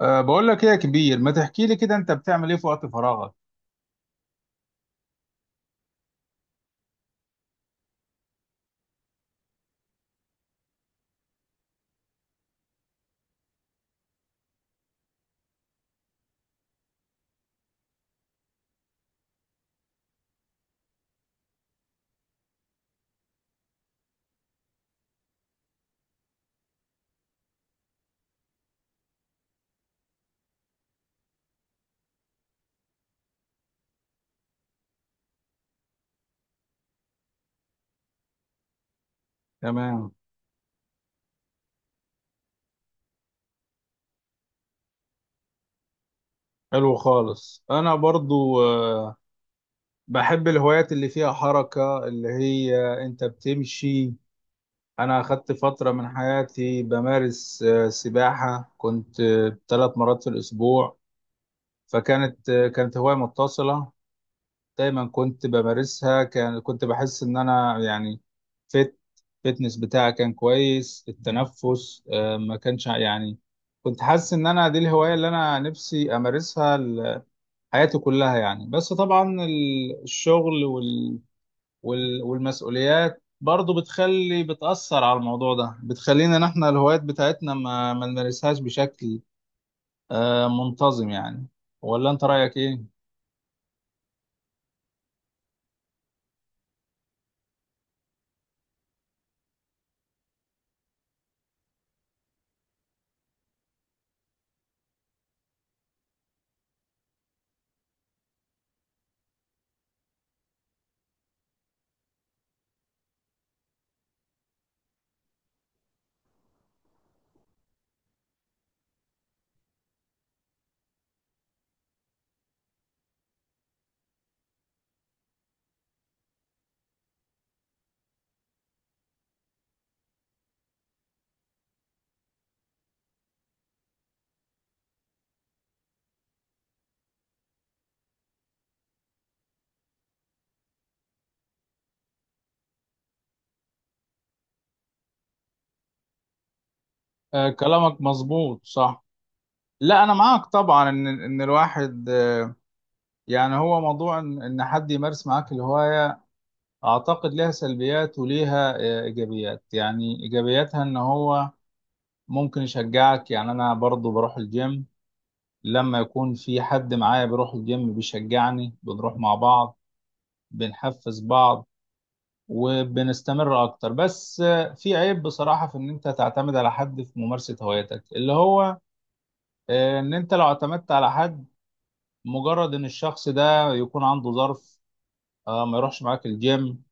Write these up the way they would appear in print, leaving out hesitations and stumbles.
بقول لك ايه يا كبير، ما تحكي لي كده انت بتعمل ايه في وقت فراغك؟ تمام. حلو خالص. انا برضو بحب الهوايات اللي فيها حركة، اللي هي انت بتمشي. انا اخدت فترة من حياتي بمارس سباحة، كنت ثلاث مرات في الاسبوع. فكانت كانت هواية متصلة، دايما كنت بمارسها، كنت بحس ان انا يعني فت فتنس بتاعي كان كويس، التنفس ما كانش يعني كنت حاسس ان انا دي الهواية اللي انا نفسي امارسها حياتي كلها يعني. بس طبعا الشغل وال والمسؤوليات برضو بتخلي بتأثر على الموضوع ده، بتخلينا ان احنا الهوايات بتاعتنا ما نمارسهاش بشكل منتظم يعني. ولا انت رأيك ايه؟ كلامك مظبوط صح. لا انا معاك طبعا ان الواحد يعني هو موضوع ان إن حد يمارس معاك الهوايه، اعتقد لها سلبيات وليها ايجابيات. يعني ايجابياتها ان هو ممكن يشجعك. يعني انا برضو بروح الجيم، لما يكون في حد معايا بيروح الجيم بيشجعني، بنروح مع بعض، بنحفز بعض وبنستمر اكتر. بس في عيب بصراحه في ان انت تعتمد على حد في ممارسه هوايتك، اللي هو ان انت لو اعتمدت على حد، مجرد ان الشخص ده يكون عنده ظرف ما يروحش معاك الجيم،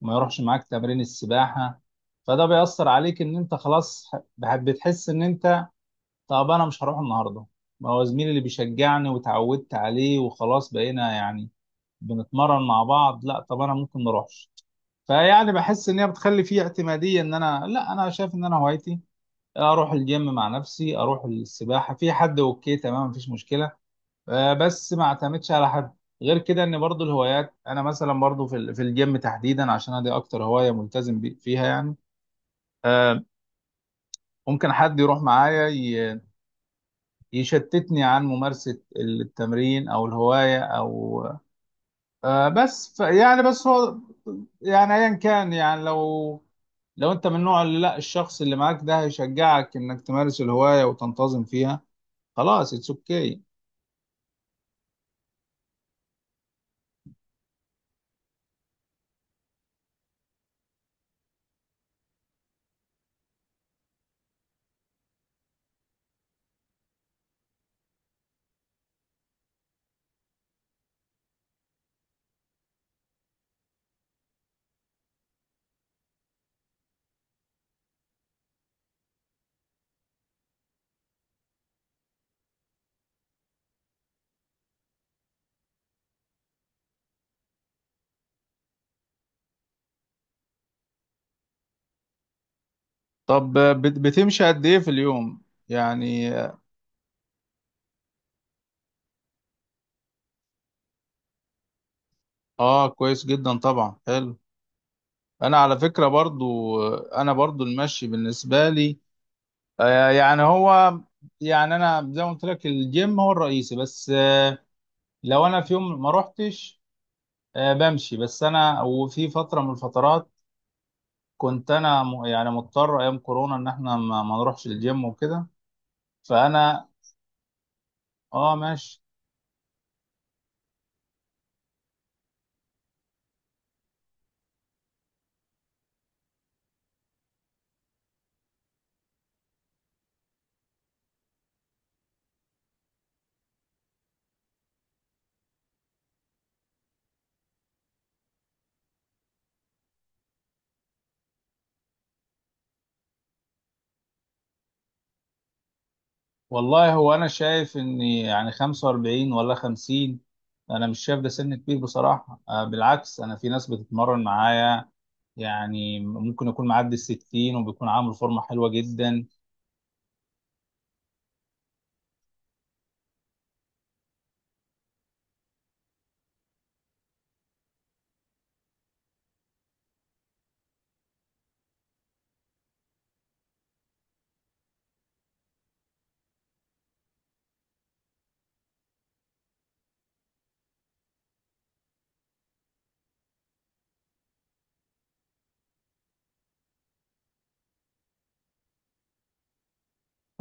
ما يروحش معاك تمرين السباحة، فده بيأثر عليك ان انت خلاص بتحس ان انت طب انا مش هروح النهاردة، ما هو زميلي اللي بيشجعني وتعودت عليه وخلاص بقينا يعني بنتمرن مع بعض، لا طب انا ممكن نروحش. فيعني بحس ان هي بتخلي فيه اعتمادية. ان انا لا، انا شايف ان انا هوايتي اروح الجيم مع نفسي، اروح السباحة، في حد اوكي تمام مفيش مشكلة، بس ما اعتمدش على حد. غير كده ان برضو الهوايات، انا مثلا برضو في في الجيم تحديدا، عشان أنا دي اكتر هوايه ملتزم فيها يعني، آه، ممكن حد يروح معايا يشتتني عن ممارسه التمرين او الهوايه او بس ف يعني بس هو يعني ايا كان. يعني لو لو انت من نوع اللي لا الشخص اللي معاك ده هيشجعك انك تمارس الهوايه وتنتظم فيها، خلاص اتس اوكي. طب بتمشي قد ايه في اليوم يعني؟ اه كويس جدا طبعا، حلو. انا على فكرة برضو، انا برضو المشي بالنسبة لي آه يعني هو يعني انا زي ما قلت لك الجيم هو الرئيسي، بس آه لو انا في يوم ما روحتش آه بمشي. بس انا وفي فترة من الفترات كنت انا يعني مضطر ايام كورونا ان احنا ما نروحش الجيم وكده. فانا اه ماشي. والله هو انا شايف ان يعني 45 ولا 50، انا مش شايف ده سن كبير بصراحه، بالعكس. انا في ناس بتتمرن معايا يعني ممكن يكون معدي ال 60 وبيكون عامل فورمه حلوه جدا.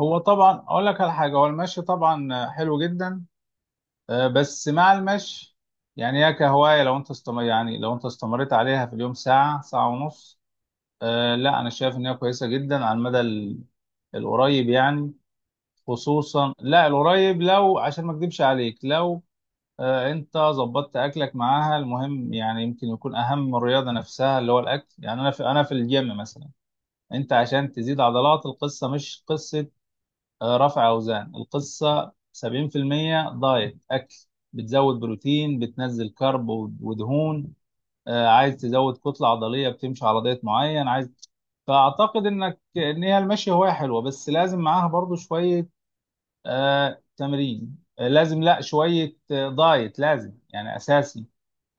هو طبعا اقول لك على حاجه، هو المشي طبعا حلو جدا، بس مع المشي يعني هي كهوايه لو انت استمر، يعني لو انت استمريت عليها في اليوم ساعه ساعه ونص، لا انا شايف ان هي كويسه جدا على المدى القريب يعني. خصوصا لا القريب. لو عشان ما اكدبش عليك، لو انت ظبطت اكلك معاها، المهم يعني يمكن يكون اهم من الرياضه نفسها اللي هو الاكل. يعني انا في، انا في الجيم مثلا انت عشان تزيد عضلات، القصه مش قصه رفع اوزان، القصه 70% دايت اكل، بتزود بروتين بتنزل كرب ودهون، عايز تزود كتله عضليه بتمشي على دايت معين عايز. فاعتقد انك ان هي المشي هوايه حلوه، بس لازم معاها برضو شويه آه تمرين، آه لازم لا شوية آه دايت لازم يعني أساسي.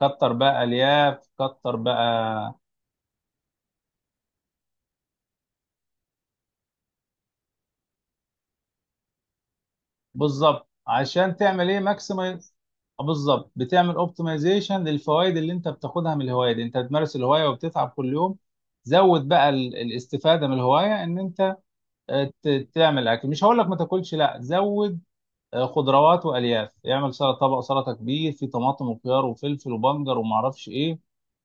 كتر بقى ألياف، كتر بقى بالظبط عشان تعمل إيه، ماكسمايز بالظبط، بتعمل اوبتمايزيشن للفوائد اللي أنت بتاخدها من الهواية دي. أنت بتمارس الهواية وبتتعب كل يوم، زود بقى الاستفادة من الهواية. إن أنت تعمل أكل، مش هقول لك ما تاكلش، لا زود خضروات وألياف، اعمل سلطة، طبق سلطة كبير فيه طماطم وخيار وفلفل وبنجر ومعرفش إيه.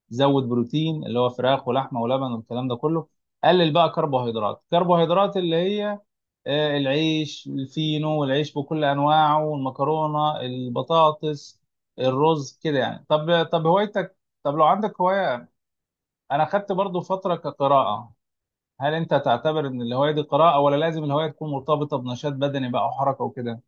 زود بروتين اللي هو فراخ ولحمه ولبن والكلام ده كله. قلل بقى كربوهيدرات، كربوهيدرات اللي هي العيش الفينو والعيش بكل انواعه والمكرونه البطاطس الرز كده يعني. طب طب هوايتك، طب لو عندك هوايه، انا خدت برضو فتره كقراءه، هل انت تعتبر ان الهوايه دي قراءه ولا لازم الهوايه تكون مرتبطه بنشاط بدني بقى وحركه وكده؟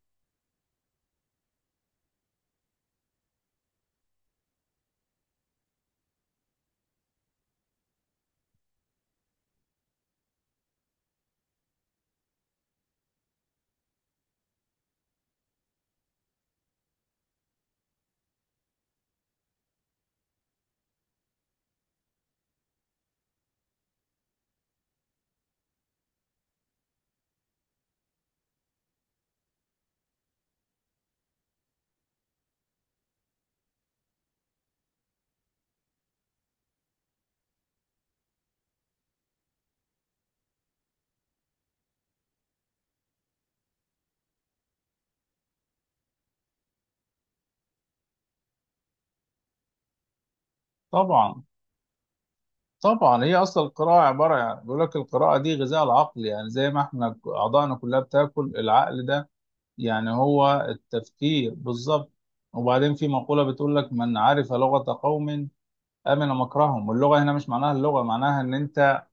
طبعا طبعا. هي اصلا القراءه عباره، يعني بيقول لك القراءه دي غذاء العقل، يعني زي ما احنا اعضائنا كلها بتاكل، العقل ده يعني هو التفكير بالظبط. وبعدين في مقولة بتقول لك، من عرف لغة قوم أمن مكرهم. واللغة هنا مش معناها اللغة، معناها إن أنت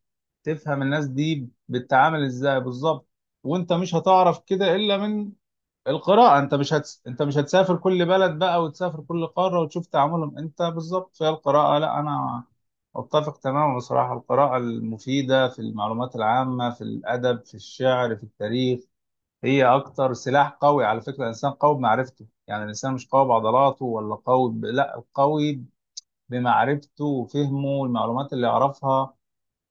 تفهم الناس دي بتتعامل إزاي بالظبط. وأنت مش هتعرف كده إلا من القراءة. أنت مش هتس... أنت مش هتسافر كل بلد بقى وتسافر كل قارة وتشوف تعاملهم أنت بالظبط. فهي القراءة لا، أنا أتفق تماما بصراحة. القراءة المفيدة في المعلومات العامة، في الأدب في الشعر في التاريخ، هي اكتر سلاح قوي. على فكره الانسان قوي بمعرفته، يعني الانسان مش قوي بعضلاته ولا قوي لا قوي بمعرفته وفهمه المعلومات اللي يعرفها.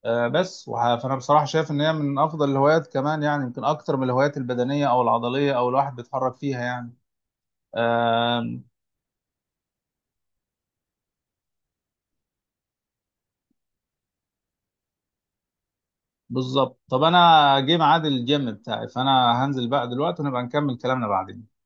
فانا بصراحه شايف ان هي من افضل الهوايات، كمان يعني يمكن اكتر من الهوايات البدنيه او العضليه او الواحد بيتحرك فيها يعني، آه بالظبط. طب انا جه ميعاد الجيم بتاعي، فانا هنزل بقى دلوقتي ونبقى نكمل كلامنا بعدين.